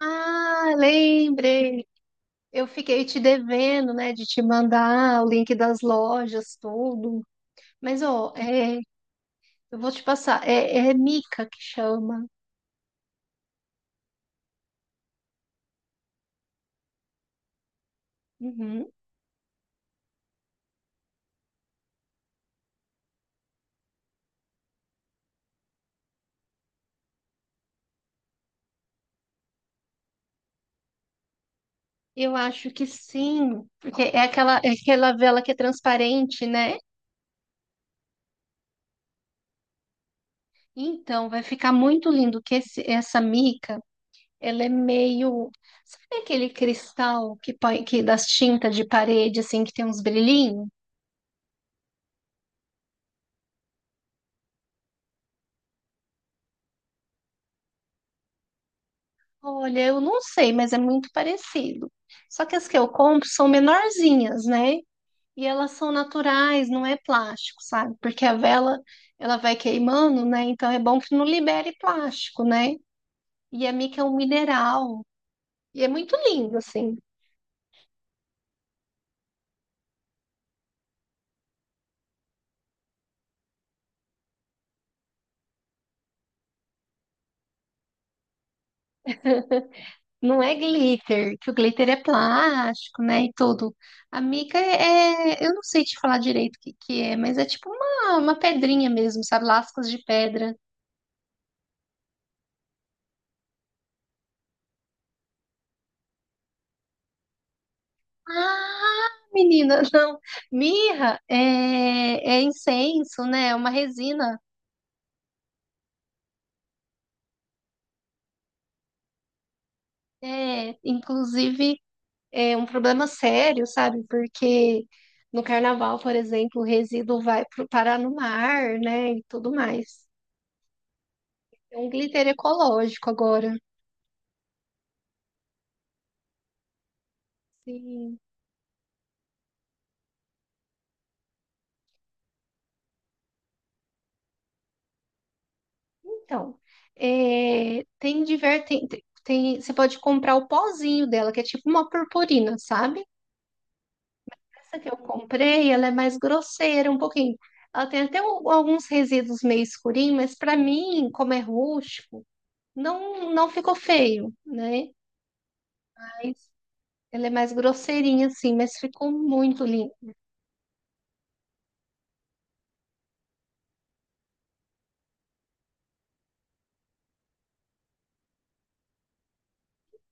Ah, lembrei. Eu fiquei te devendo, né, de te mandar o link das lojas, tudo. Mas, ó, eu vou te passar. É Mica que chama. Uhum. Eu acho que sim, porque é aquela vela que é transparente, né? Então, vai ficar muito lindo que essa Mica, ela é meio... Sabe aquele cristal que põe, que das tintas de parede, assim, que tem uns brilhinhos? Olha, eu não sei, mas é muito parecido. Só que as que eu compro são menorzinhas, né? E elas são naturais, não é plástico, sabe? Porque a vela, ela vai queimando, né? Então é bom que não libere plástico, né? E a mica é um mineral. E é muito lindo, assim. Não é glitter, que o glitter é plástico, né? E tudo. A mica é, eu não sei te falar direito o que que é, mas é tipo uma pedrinha mesmo, sabe? Lascas de pedra. Ah, menina, não. Mirra é incenso, né? É uma resina. É, inclusive, é um problema sério, sabe? Porque no carnaval, por exemplo, o resíduo vai pro, parar no mar, né? E tudo mais. É um glitter ecológico agora. Sim. Então, é, tem, diver, tem, tem, tem- você pode comprar o pozinho dela, que é tipo uma purpurina, sabe? Essa que eu comprei, ela é mais grosseira um pouquinho. Ela tem até alguns resíduos meio escurinhos, mas para mim, como é rústico, não ficou feio, né? Mas ela é mais grosseirinha assim, mas ficou muito lindo.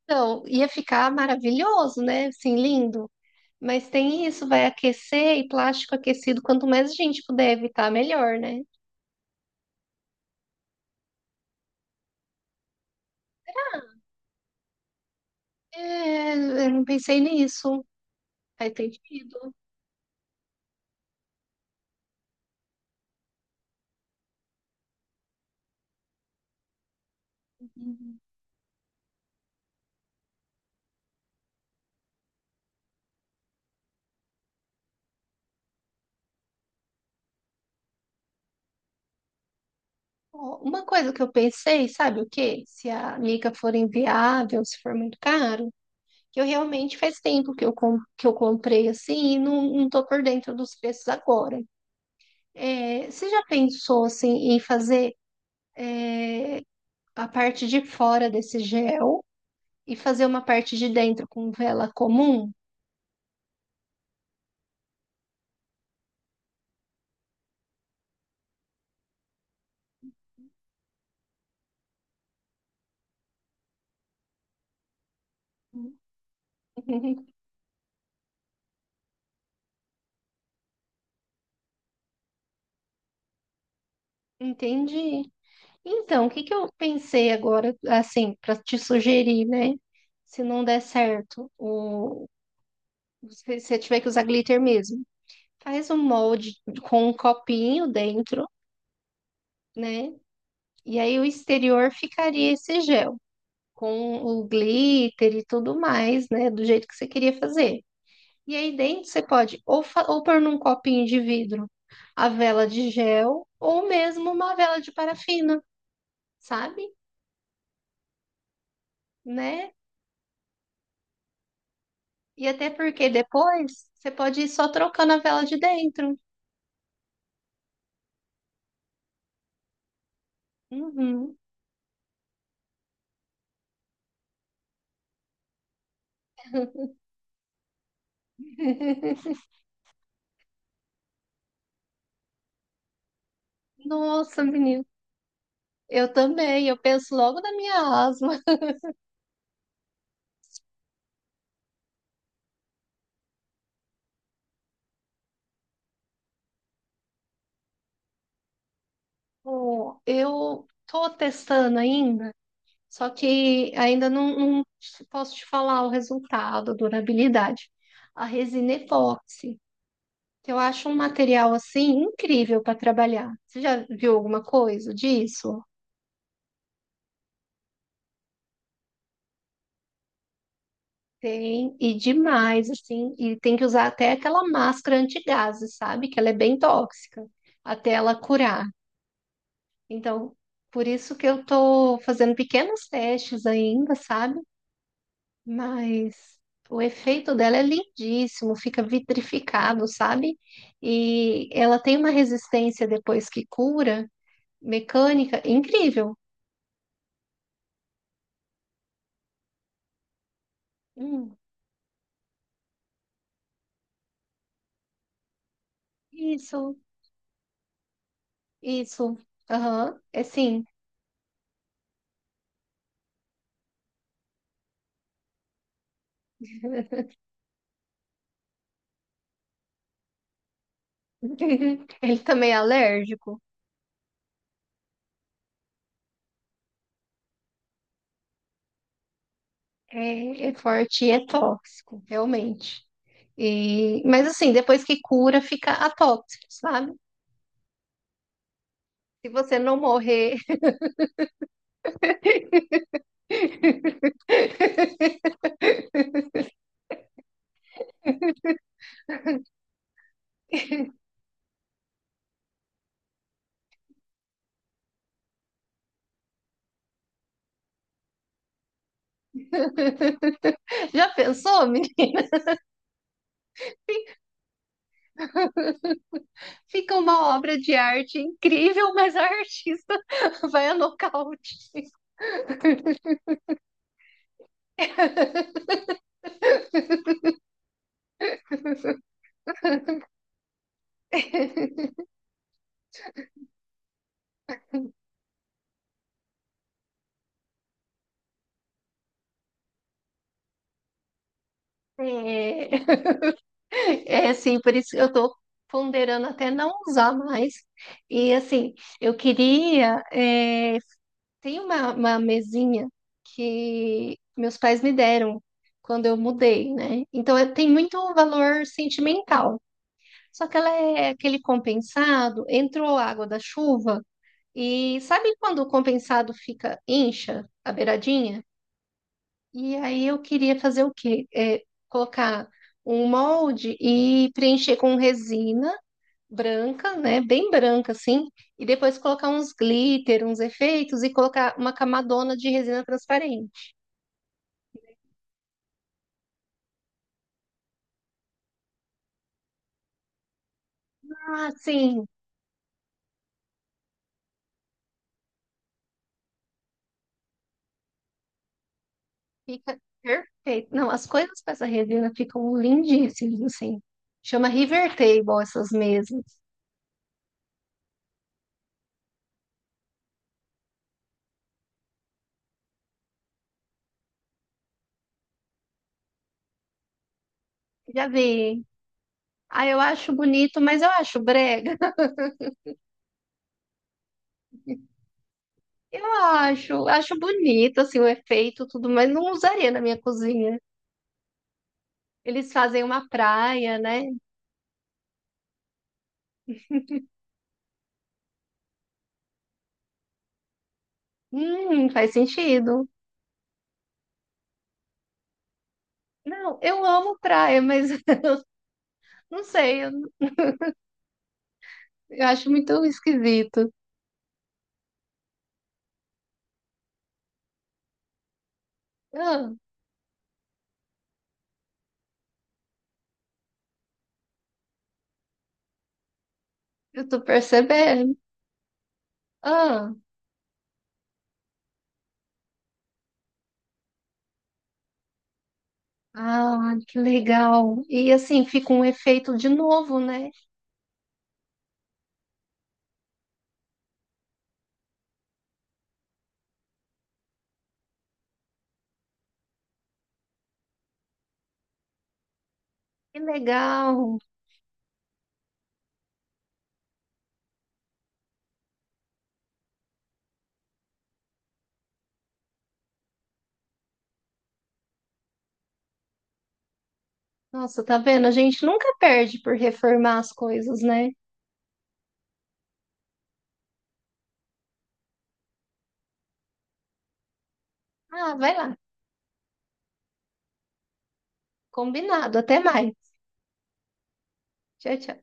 Então, ia ficar maravilhoso, né? Assim, lindo. Mas tem isso, vai aquecer e plástico aquecido, quanto mais a gente puder evitar, melhor, né? É, eu não pensei nisso. Faz sentido. Uhum. Uma coisa que eu pensei, sabe o quê? Se a Mica for inviável, se for muito caro, que eu realmente faz tempo que que eu comprei assim e não tô por dentro dos preços agora. É, você já pensou assim em fazer a parte de fora desse gel e fazer uma parte de dentro com vela comum? Entendi. Então, o que que eu pensei agora, assim, para te sugerir, né? Se não der certo, o... se você tiver que usar glitter mesmo. Faz um molde com um copinho dentro, né? E aí o exterior ficaria esse gel, com o glitter e tudo mais, né? Do jeito que você queria fazer. E aí dentro você pode ou pôr num copinho de vidro a vela de gel, ou mesmo uma vela de parafina, sabe? Né? E até porque depois você pode ir só trocando a vela de dentro. Uhum. Nossa, menino. Eu também, eu penso logo na minha asa. Bom, eu estou testando ainda, só que ainda não, não te- posso te falar o resultado, a durabilidade. A resina epóxi, que eu acho um material assim incrível para trabalhar. Você já viu alguma coisa disso? Tem, e demais, assim, e tem que usar até aquela máscara antigases, sabe? Que ela é bem tóxica, até ela curar. Então, por isso que eu tô fazendo pequenos testes ainda, sabe? Mas o efeito dela é lindíssimo, fica vitrificado, sabe? E ela tem uma resistência depois que cura, mecânica, incrível. Hum, isso, isso. Aham, é sim. Ele também é alérgico. É, é forte e é tóxico, realmente. E, mas assim, depois que cura, fica atóxico, sabe? Se você não morrer. Já pensou, menina? Fica uma obra de arte incrível, mas a artista vai a nocaute. É, é assim, por isso que eu tô ponderando até não usar mais. E assim, eu queria. é, tem uma mesinha que meus pais me deram quando eu mudei, né? Então tem muito valor sentimental. Só que ela é aquele compensado, entrou água da chuva. E sabe quando o compensado fica incha a beiradinha? E aí eu queria fazer o quê? É, colocar um molde e preencher com resina branca, né? Bem branca assim, e depois colocar uns glitter, uns efeitos e colocar uma camadona de resina transparente. Ah, sim, fica perfeito. Não, as coisas com essa resina ficam lindíssimas assim. Chama River Table essas mesas. Já vi. Ah, eu acho bonito, mas eu acho brega. Acho bonito assim o efeito, tudo, mas não usaria na minha cozinha. Eles fazem uma praia, né? Faz sentido. Não, eu amo praia, mas não sei, eu acho muito esquisito. Ah, eu tô percebendo. Ah, ah, que legal. E assim fica um efeito de novo, né? Que legal. Nossa, tá vendo? A gente nunca perde por reformar as coisas, né? Ah, vai lá. Combinado. Até mais. Tchau, tchau.